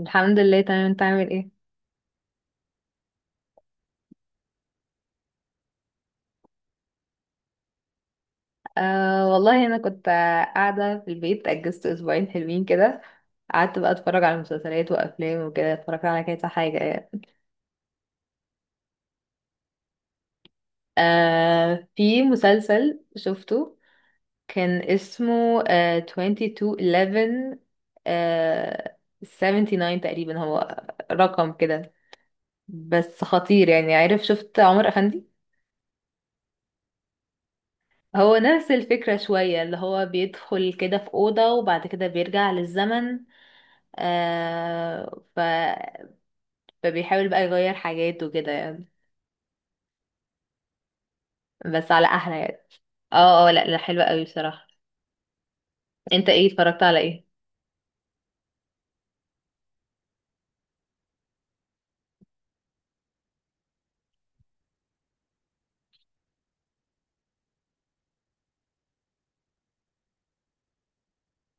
الحمد لله، تمام. انت عامل ايه؟ والله انا كنت قاعده في البيت. اجزت اسبوعين حلوين كده. قعدت بقى اتفرج على مسلسلات وافلام وكده، اتفرجت على كذا حاجه يعني. في مسلسل شفته، كان اسمه 2211. 79 تقريبا هو، رقم كده. بس خطير يعني، عارف؟ شفت عمر افندي؟ هو نفس الفكرة شوية، اللي هو بيدخل كده في أوضة وبعد كده بيرجع للزمن. آه ف... فبيحاول بقى يغير حاجات وكده يعني. بس على احلى يعني. اه، اه، لا، لا، حلوة قوي بصراحة. انت ايه اتفرجت على ايه؟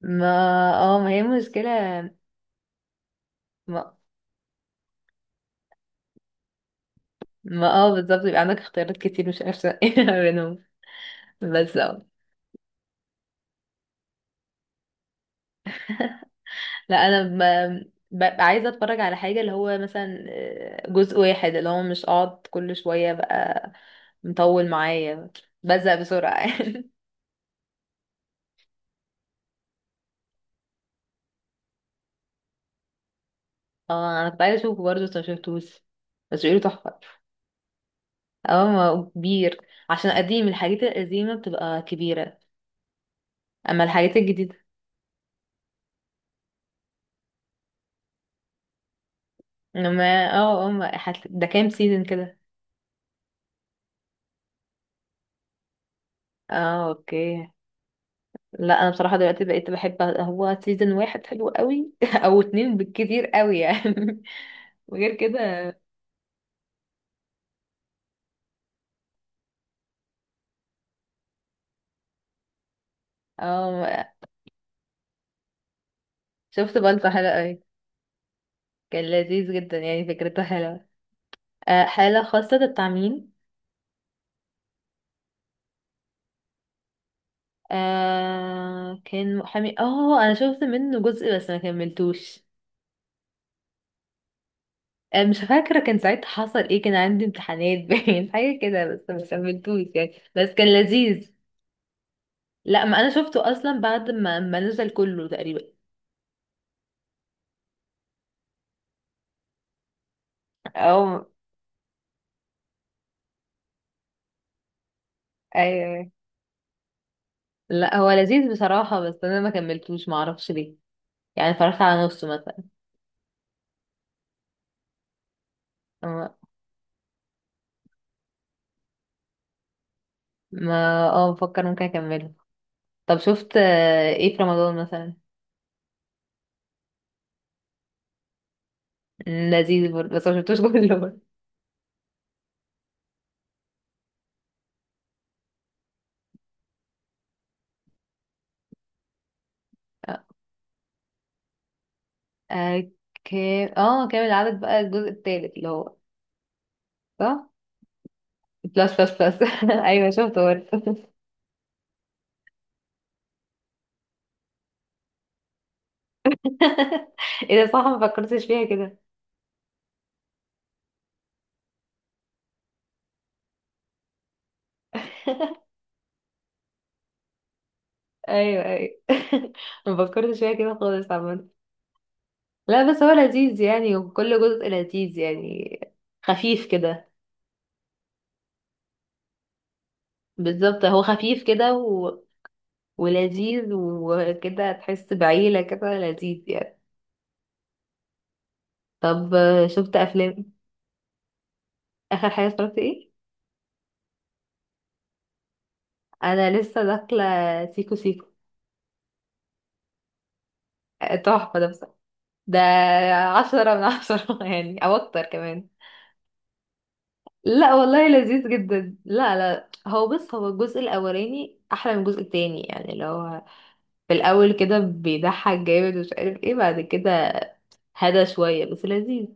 ما اه ما هي مشكلة. ما, ما اه بالظبط. يبقى عندك اختيارات كتير مش عارفة ايه منهم. بس لا، انا ببقى عايزة اتفرج على حاجة، اللي هو مثلا جزء واحد، اللي هو مش اقعد كل شوية بقى مطول معايا، بزهق بسرعة. اه، انا كنت عايزة اشوفه برضه بس ما شفتوش. بس بيقولوا تحفة. اه، ما هو كبير، عشان قديم. الحاجات القديمة بتبقى كبيرة اما الحاجات الجديدة. ما ده كام سيزون كده؟ اه، اوكي. لا، انا بصراحة دلوقتي بقيت بحب هو سيزون واحد حلو قوي او اتنين بالكتير قوي يعني. وغير كده. اه، شفت بالطو، حلو قوي. كان لذيذ جدا يعني، فكرته حلوة. آه، حالة خاصة ده بتاع مين؟ آه، كان محامي. اه، انا شفت منه جزء بس ما كملتوش. مش فاكرة كان ساعتها حصل ايه. كان عندي امتحانات باين حاجة كده، بس ما كملتوش يعني، بس كان لذيذ. لا، ما انا شفته اصلا بعد ما نزل كله تقريبا. او، ايوه. لا، هو لذيذ بصراحة، بس انا ما كملتوش، ما اعرفش ليه. يعني اتفرجت على نصه مثلا. أما- ما بفكر ممكن اكمله. طب شفت ايه في رمضان مثلا؟ لذيذ برضه بس ما شفتوش كله برضه. آه، آه، كامل العدد بقى الجزء التالت، اللي هو، صح، بلس بلس بلس. ايوه، شفت برضه. ايه ده؟ صح، ما فكرتش فيها كده. ايوه، ايوه. ما فكرتش فيها كده خالص عامة. لا، بس هو لذيذ يعني، وكل جزء لذيذ يعني. خفيف كده. بالظبط، هو خفيف كده ولذيذ وكده، تحس بعيلة كده، لذيذ يعني. طب شفت افلام؟ اخر حاجة اتفرجت ايه؟ انا لسه داخلة سيكو سيكو. تحفة ده بصراحة. ده عشرة من عشرة يعني، او اكتر كمان. لا والله، لذيذ جدا. لا، لا، هو بص، هو الجزء الاولاني احلى من الجزء التاني يعني، اللي هو في الاول كده بيضحك جامد ومش عارف ايه، بعد كده هدى شويه بس لذيذ.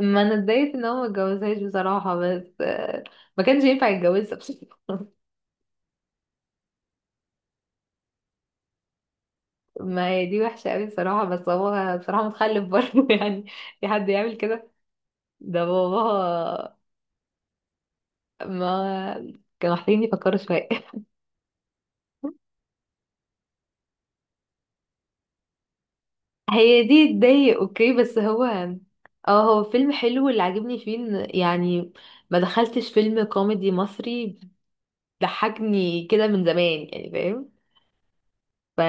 ما انا اتضايقت ان هو ما اتجوزهاش بصراحه، بس ما كانش ينفع يتجوزها بصراحه. ما هي دي وحشه قوي بصراحه، بس هو بصراحه متخلف برضه يعني. في حد يعمل كده؟ ده باباها. ما كانوا محتاجين يفكروا شويه. هي دي تضايق، اوكي، بس هو اه، هو فيلم حلو. اللي عاجبني فيه إن يعني ما دخلتش فيلم كوميدي مصري ضحكني كده من زمان يعني، فاهم؟ ف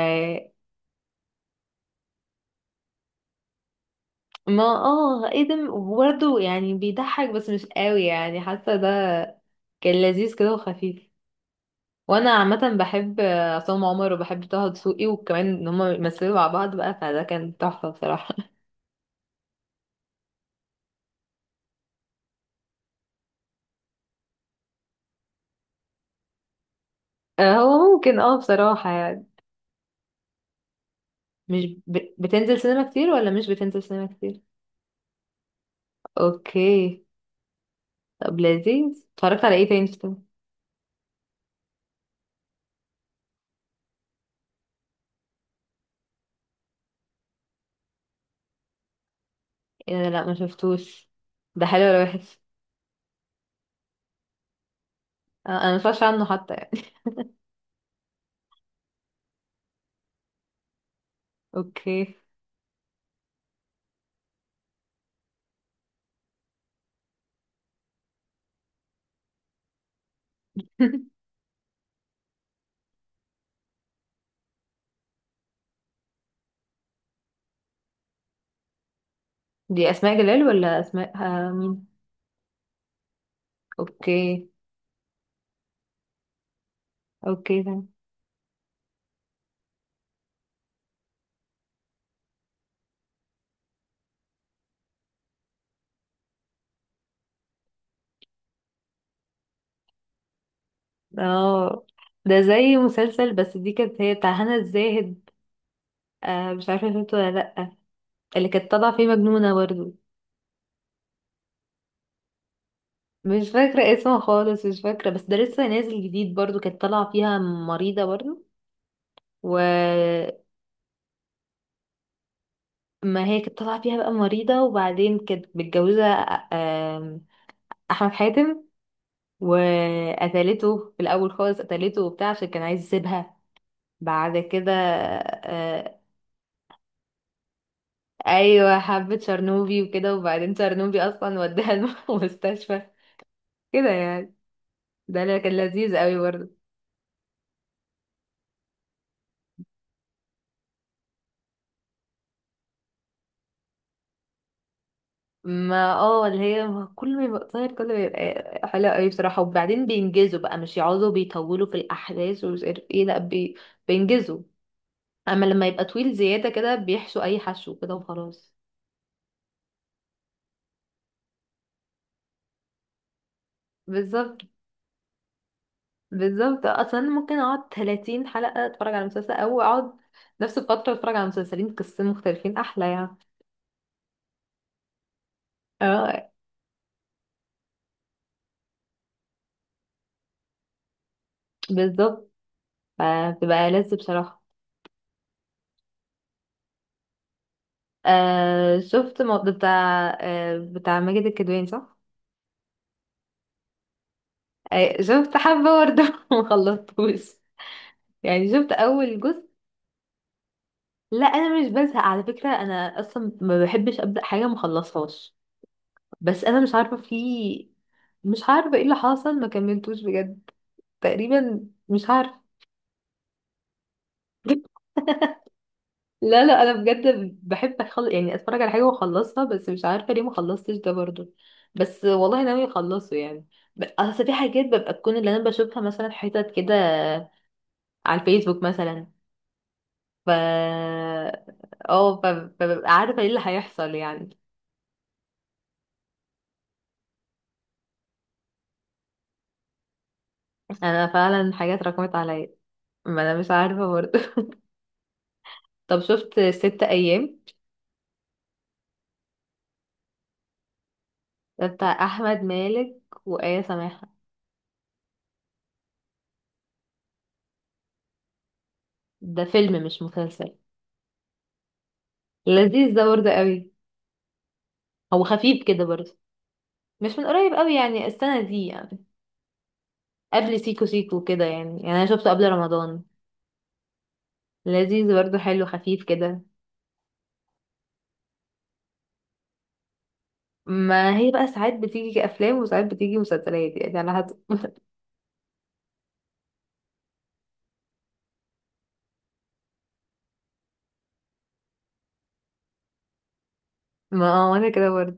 ما ايه ده؟ برضه يعني بيضحك بس مش قوي يعني، حاسه ده كان لذيذ كده وخفيف. وانا عامه بحب عصام عمر وبحب طه دسوقي، وكمان ان هما يمثلوا مع بعض بقى، فده كان تحفه بصراحه. هو ممكن، اه، بصراحه يعني. مش بتنزل سينما كتير ولا مش بتنزل سينما كتير؟ اوكي. طب لذيذ. اتفرجت على ايه تاني شفته؟ ايه ده؟ لا، ما شفتوش. ده حلو ولا وحش؟ انا ما اتفرجش عنه حتى يعني. اوكي. دي اسماء جلال ولا اسماء مين؟ اوكي، اوكي. اه، ده زي مسلسل، بس دي كانت هي بتاع هنا الزاهد. آه، مش عارفه شفته ولا لا. اللي كانت طالعه فيه مجنونه برضو. مش فاكره اسمه خالص، مش فاكره. بس ده لسه نازل جديد برضو، كانت طالعه فيها مريضه برضو. و ما هي كانت طالعة فيها بقى مريضة، وبعدين كانت متجوزة آه، آم، أحمد حاتم. وقتلته في الأول خالص، قتلته وبتاع عشان كان عايز يسيبها. بعد كده، أيوة، حبت شرنوبي وكده، وبعدين شرنوبي أصلا وداها المستشفى كده يعني. ده اللي كان لذيذ قوي برضه. ما اللي هي، ما كل ما يبقى قصير كل ما يبقى حلو قوي بصراحة، وبعدين بينجزوا بقى، مش يقعدوا بيطولوا في الأحداث ومش عارف ايه. لأ بينجزوا. اما لما يبقى طويل زيادة كده بيحشو اي حشو كده وخلاص. بالظبط. بالظبط، اصلا ممكن اقعد 30 حلقة اتفرج على مسلسل او اقعد نفس الفترة اتفرج على مسلسلين قصتين مختلفين، احلى يعني. اه، بالظبط، فبتبقى لذ بصراحة. آه، شفت موضوع بتاع ماجد الكدواني، صح؟ آه، شفت حبة برضه مخلصتوش. يعني شفت أول جزء. لا، أنا مش بزهق على فكرة، أنا أصلا ما بحبش أبدأ حاجة مخلصهاش. بس انا مش عارفه في. مش عارفه ايه اللي حصل، ما كملتوش بجد. تقريبا مش عارفه. لا، لا، انا بجد بحب يعني اتفرج على حاجه واخلصها، بس مش عارفه ليه ما خلصتش ده برضو. بس والله ناوي اخلصه يعني. اصل في حاجات ببقى تكون، اللي انا بشوفها مثلا حتت كده على الفيسبوك مثلا. ف اه ف- فببقى عارفه ايه اللي هيحصل يعني. انا فعلا حاجات رقمت عليا. ما انا مش عارفه برضو. طب شفت ست ايام؟ ده بتاع احمد مالك وآية سماحة. ده فيلم مش مسلسل. لذيذ ده برضه قوي. هو خفيف كده برضه. مش من قريب قوي يعني، السنة دي يعني، قبل سيكو سيكو كده يعني، انا شفته قبل رمضان. لذيذ برضه، حلو خفيف كده. ما هي بقى ساعات بتيجي كأفلام وساعات بتيجي مسلسلات يعني، على حسب. ما انا كده برضه.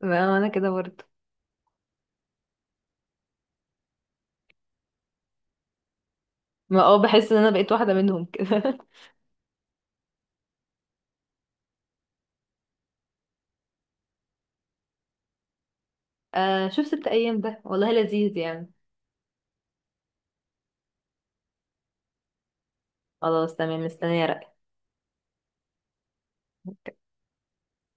ما انا كده برضه. ما بحس ان انا بقيت واحدة منهم كده. آه، شوف ست ايام ده، والله لذيذ يعني. خلاص، تمام، مستنية رأيك.